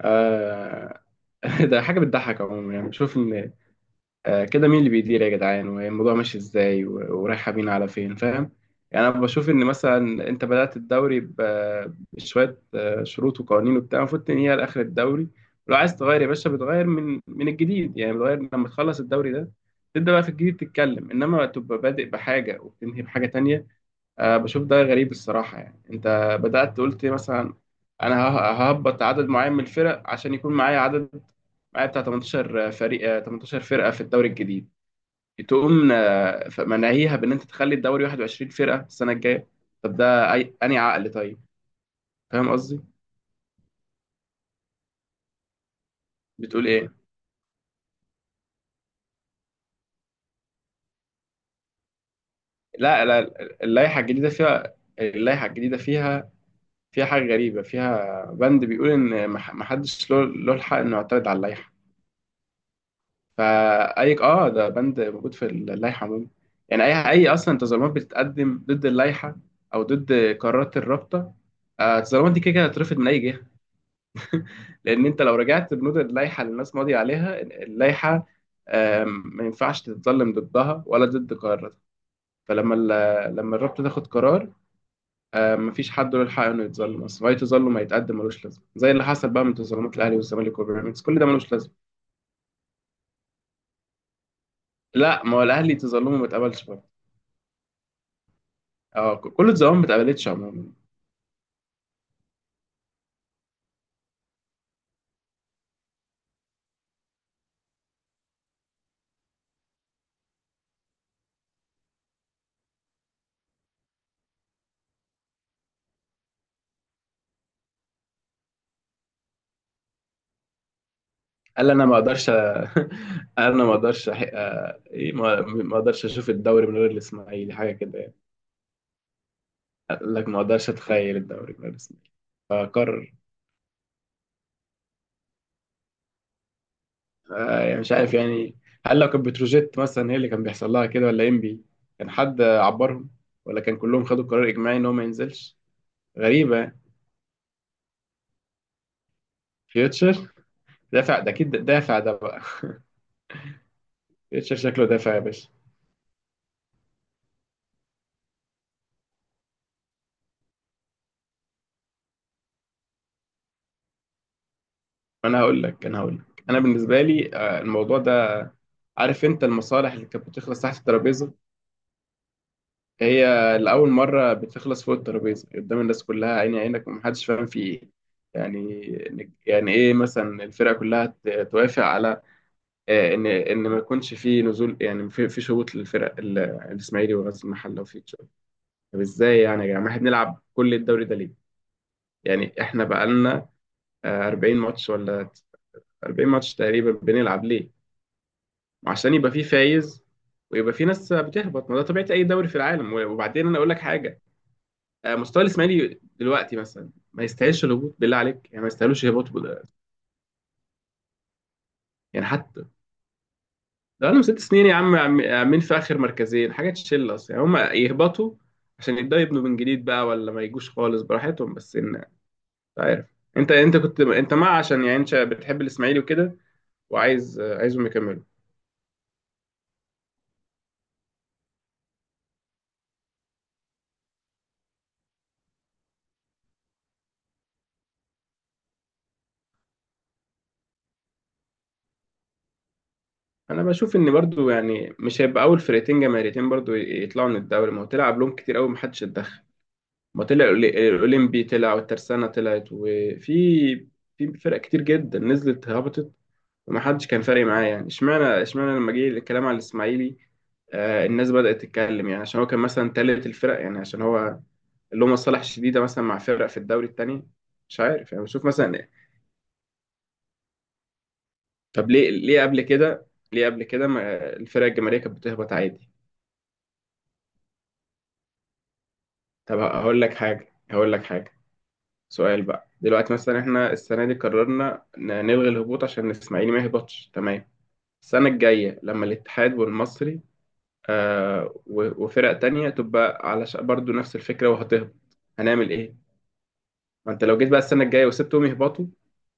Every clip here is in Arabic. آه. ده حاجة بتضحك عموما، يعني بشوف إن كده مين اللي بيدير يا جدعان والموضوع ماشي إزاي ورايحة بينا على فين، فاهم؟ يعني أنا بشوف إن مثلا أنت بدأت الدوري بشوية شروط وقوانين وبتاع المفروض تنهيها لآخر الدوري. ولو عايز تغير يا باشا بتغير من الجديد، يعني بتغير لما تخلص الدوري ده تبدأ بقى في الجديد تتكلم، إنما تبقى بادئ بحاجة وبتنهي بحاجة تانية. أه بشوف ده غريب الصراحة. يعني أنت بدأت قلت مثلا أنا ههبط عدد معين من الفرق عشان يكون معايا عدد، معايا بتاع 18 فريق، 18 فرقة في الدوري الجديد. تقوم مناهيها بإن أنت تخلي الدوري 21 فرقة السنة الجاية. طب ده أي أنهي عقل؟ طيب، فاهم قصدي؟ بتقول إيه؟ لا لا، اللائحة الجديدة فيها، اللائحة الجديدة فيها، فيها حاجة غريبة، فيها بند بيقول إن محدش له الحق إنه يعترض على اللائحة. فاي اه ده بند موجود في اللائحه عموما. يعني اي اصلا تظلمات بتتقدم ضد اللائحه او ضد قرارات الرابطه، التظلمات دي كده كده هتترفض من اي جهه، لان انت لو رجعت بنود اللائحه اللي الناس ماضيه عليها اللائحه، ما ينفعش تتظلم ضدها ولا ضد قراراتها. فلما لما الرابطه تاخد قرار، مفيش حد له الحق انه يتظلم. اصلا اي تظلم هيتقدم ملوش لازمه زي اللي حصل بقى من تظلمات الاهلي والزمالك وبيراميدز، كل ده ملوش لازمه. لا ما هو الاهلي تظلمه ما اتقبلش، اه كل الظواهر ما اتقبلتش عموما. قال انا ما اقدرش قال انا ما اقدرش ايه ما اقدرش اشوف الدوري من غير الاسماعيلي، حاجه كده يعني. قال لك ما اقدرش اتخيل الدوري من غير الاسماعيلي. فقرر. يعني مش عارف يعني، هل لو كانت بتروجيت مثلا هي اللي كان بيحصل لها كده، ولا ام بي؟ كان حد عبرهم؟ ولا كان كلهم خدوا قرار اجماعي ان هو ما ينزلش؟ غريبه يعني. فيوتشر، دافع ده اكيد، دافع ده بقى. فيوتشر شكله دافع يا باشا. انا هقول لك، انا هقول لك، انا بالنسبه لي، الموضوع ده. عارف انت المصالح اللي كانت بتخلص تحت الترابيزه، هي لاول مره بتخلص فوق الترابيزه قدام الناس كلها عيني عينك، ومحدش فاهم في ايه. يعني، يعني ايه مثلا الفرقه كلها توافق على ان ما يكونش في نزول، يعني في في شروط للفرق الاسماعيلي وغزل المحله وفيوتشر. طب ازاي يعني يا جماعه؟ احنا بنلعب كل الدوري ده ليه؟ يعني احنا بقالنا 40 ماتش، ولا 40 ماتش تقريبا بنلعب ليه؟ عشان يبقى فيه فايز، ويبقى فيه ناس بتهبط. ما ده طبيعة أي دوري في العالم. وبعدين أنا أقول لك حاجة، مستوى الإسماعيلي دلوقتي مثلا ما يستاهلش الهبوط، بالله عليك يعني، ما يستاهلوش يهبطوا يعني حتى ده لهم ست سنين يا عم، عاملين في آخر مركزين، حاجة تشيل أصلا. يعني هم يهبطوا عشان يبدأوا يبنوا من جديد بقى، ولا ما يجوش خالص، براحتهم، بس إن مش عارف أنت، أنت كنت أنت مع، عشان يعني أنت بتحب الإسماعيلي وكده وعايز، عايزهم يكملوا. انا بشوف ان برضو يعني مش هيبقى اول فرقتين جماهيريتين برضو يطلعوا من الدوري. ما هو تلعب لهم كتير قوي، محدش اتدخل. ما طلع الاولمبي طلع، والترسانة طلعت، وفي في فرق كتير جدا نزلت هبطت، ومحدش كان فارق معاه يعني، اشمعنى لما جه الكلام على الاسماعيلي؟ آه، الناس بدأت تتكلم يعني، عشان هو كان مثلا تالت الفرق يعني، عشان هو اللي هم مصالح شديدة مثلا مع فرق في الدوري التاني. مش عارف يعني، بشوف مثلا إيه. طب ليه، قبل كده، ليه قبل كده ما الفرق الجماهيرية كانت بتهبط عادي؟ طب هقول لك حاجة، هقول لك حاجة، سؤال بقى دلوقتي: مثلا احنا السنة دي قررنا نلغي الهبوط عشان الإسماعيلي ما يهبطش، تمام؟ السنة الجاية لما الاتحاد والمصري وفرق تانية تبقى على برضو نفس الفكرة وهتهبط، هنعمل ايه؟ ما انت لو جيت بقى السنة الجاية وسبتهم يهبطوا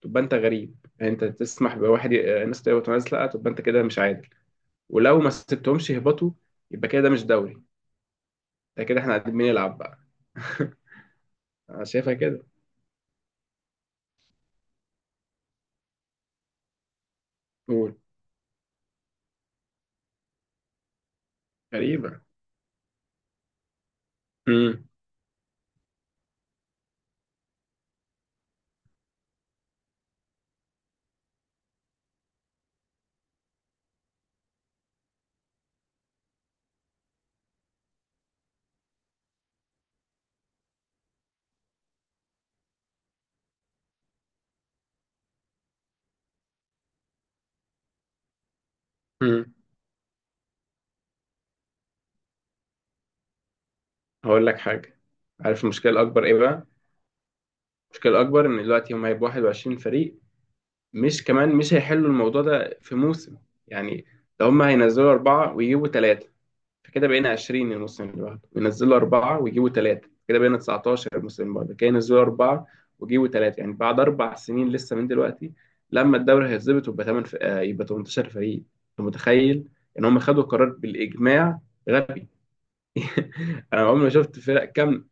تبقى انت غريب. يعني انت تسمح بواحد الناس تهبط وناس لا، تبقى انت كده مش عادل. ولو ما سبتهمش يهبطوا يبقى كده ده مش دوري، ده كده احنا قاعدين بنلعب بقى. انا شايفها كده. قول. غريبة. امم. امم. هقول لك حاجه، عارف المشكله الاكبر ايه بقى؟ المشكله الاكبر ان دلوقتي هم هيبقوا 21 فريق. مش كمان مش هيحلوا الموضوع ده في موسم، يعني لو هم هينزلوا اربعه ويجيبوا ثلاثه فكده بقينا 20 الموسم اللي بعده، وينزلوا اربعه ويجيبوا ثلاثه كده بقينا 19 الموسم اللي بعده، كده ينزلوا اربعه ويجيبوا ثلاثه، يعني بعد اربع سنين لسه من دلوقتي لما الدوري هيتظبط ويبقى 8 ف... آه، يبقى 18 فريق. انت متخيل ان هم خدوا قرار بالاجماع غبي؟ انا عمري ما شفت فرق كامله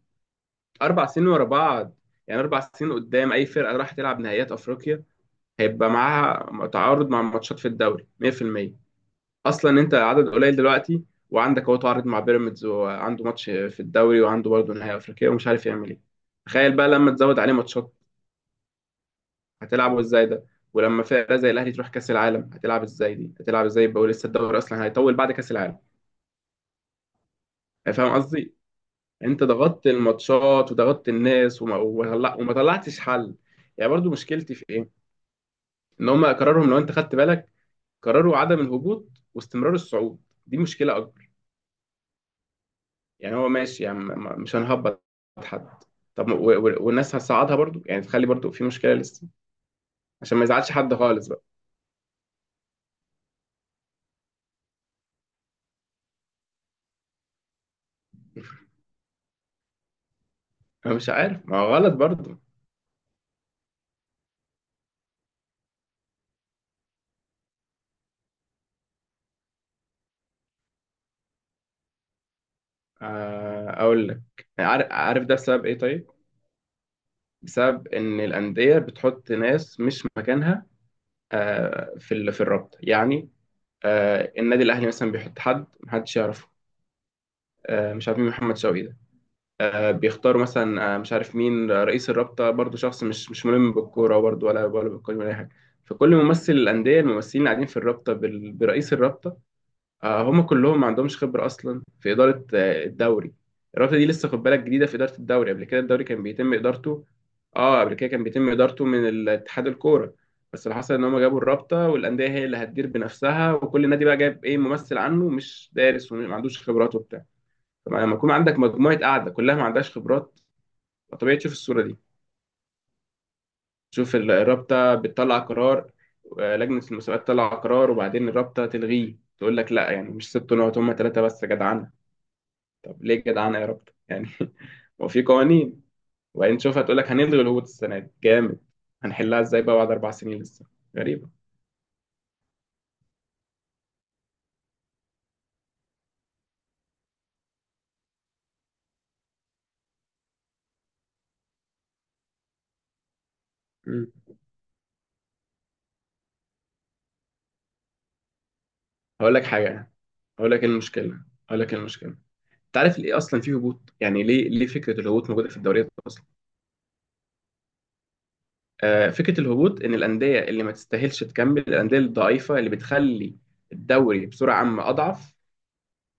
اربع سنين ورا بعض. يعني اربع سنين قدام اي فرقه راح تلعب نهائيات افريقيا هيبقى معاها تعارض مع ماتشات في الدوري 100%. اصلا انت عدد قليل دلوقتي وعندك اهو تعارض مع بيراميدز، وعنده ماتش في الدوري وعنده برضه نهائي افريقيا ومش عارف يعمل ايه. تخيل بقى لما تزود عليه ماتشات، هتلعبه ازاي ده؟ ولما فرقه زي الاهلي تروح كاس العالم هتلعب ازاي؟ دي هتلعب ازاي بقى؟ ولسه الدوري اصلا هيطول بعد كاس العالم. يعني فاهم قصدي؟ انت ضغطت الماتشات، وضغطت الناس، وما طلعتش حل. يعني برضو مشكلتي في إيه؟ ان هم قرارهم لو انت خدت بالك، قرروا عدم الهبوط واستمرار الصعود، دي مشكله اكبر. يعني هو ماشي يعني، مش هنهبط حد. طب، والناس هتصعدها برضو، يعني تخلي برضو في مشكله لسه عشان ما يزعلش حد خالص بقى. انا مش عارف، ما هو غلط برضو. اقول لك، عارف، ده بسبب ايه طيب؟ بسبب ان الانديه بتحط ناس مش مكانها، في الرابطه يعني. النادي الاهلي مثلا بيحط حد محدش يعرفه، مش عارف مين محمد شوقي ده. بيختاروا مثلا، مش عارف مين، رئيس الرابطة برضو شخص مش ملم بالكورة برضو، ولا بالقانون ولا أي حاجة. فكل ممثل الأندية، الممثلين اللي قاعدين في الرابطة برئيس الرابطة، هم كلهم ما عندهمش خبرة أصلا في إدارة الدوري. الرابطة دي لسه خد بالك جديدة في إدارة الدوري. قبل كده الدوري كان بيتم إدارته، اه قبل كده كان بيتم إدارته من اتحاد الكورة. بس اللي حصل إن هم جابوا الرابطة، والأندية هي اللي هتدير بنفسها، وكل نادي بقى جايب إيه ممثل عنه مش دارس وما عندوش خبرات وبتاع. طبعا لما يكون عندك مجموعة قاعدة كلها ما عندهاش خبرات، طبيعي تشوف الصورة دي. تشوف الرابطة بتطلع قرار، لجنة المسابقات تطلع قرار، وبعدين الرابطة تلغيه تقول لك لا، يعني مش ست نقط، هما ثلاثة بس جدعانة. طب ليه جدعانة يا رابطة يعني؟ وفي قوانين. وبعدين تشوفها تقول لك هنلغي الهبوط السنة دي جامد، هنحلها ازاي بقى بعد أربع سنين لسه؟ غريبة. مم. هقول لك حاجة، هقول لك إيه المشكلة، هقول لك إيه المشكلة، انت عارف ليه اصلا في هبوط؟ يعني ليه، فكره الهبوط موجوده في الدوريات اصلا؟ فكره الهبوط ان الانديه اللي ما تستاهلش تكمل، الانديه الضعيفه اللي بتخلي الدوري بسرعه عامه اضعف،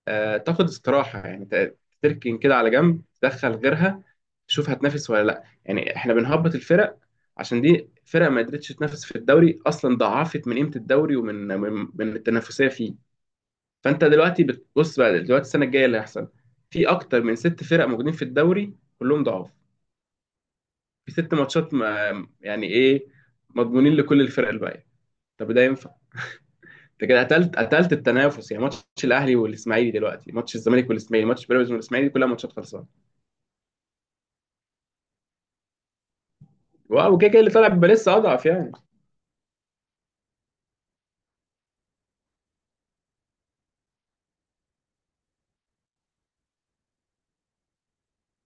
تاخد استراحه يعني، تركن كده على جنب، تدخل غيرها. تشوف هتنافس ولا لا. يعني احنا بنهبط الفرق عشان دي فرق ما قدرتش تنافس في الدوري اصلا، ضعفت من قيمه الدوري ومن من التنافسيه فيه. فانت دلوقتي بتبص بقى دلوقتي السنه الجايه اللي هيحصل، في اكتر من ست فرق موجودين في الدوري كلهم ضعاف، في ست ماتشات ما يعني ايه، مضمونين لكل الفرق الباقيه. طب ده ينفع؟ انت كده قتلت، قتلت التنافس. يعني ماتش الاهلي والاسماعيلي دلوقتي، ماتش الزمالك والاسماعيلي، ماتش بيراميدز والاسماعيلي، كلها ماتشات خلصانه. واو، وكده كده اللي طالع بيبقى لسه اضعف يعني.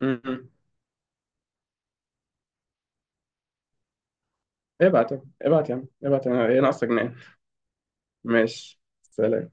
م- م. ابعت، ابعت يا عم، ابعت يا عم، ايه ناقصك؟ ناقص. ماشي، سلام.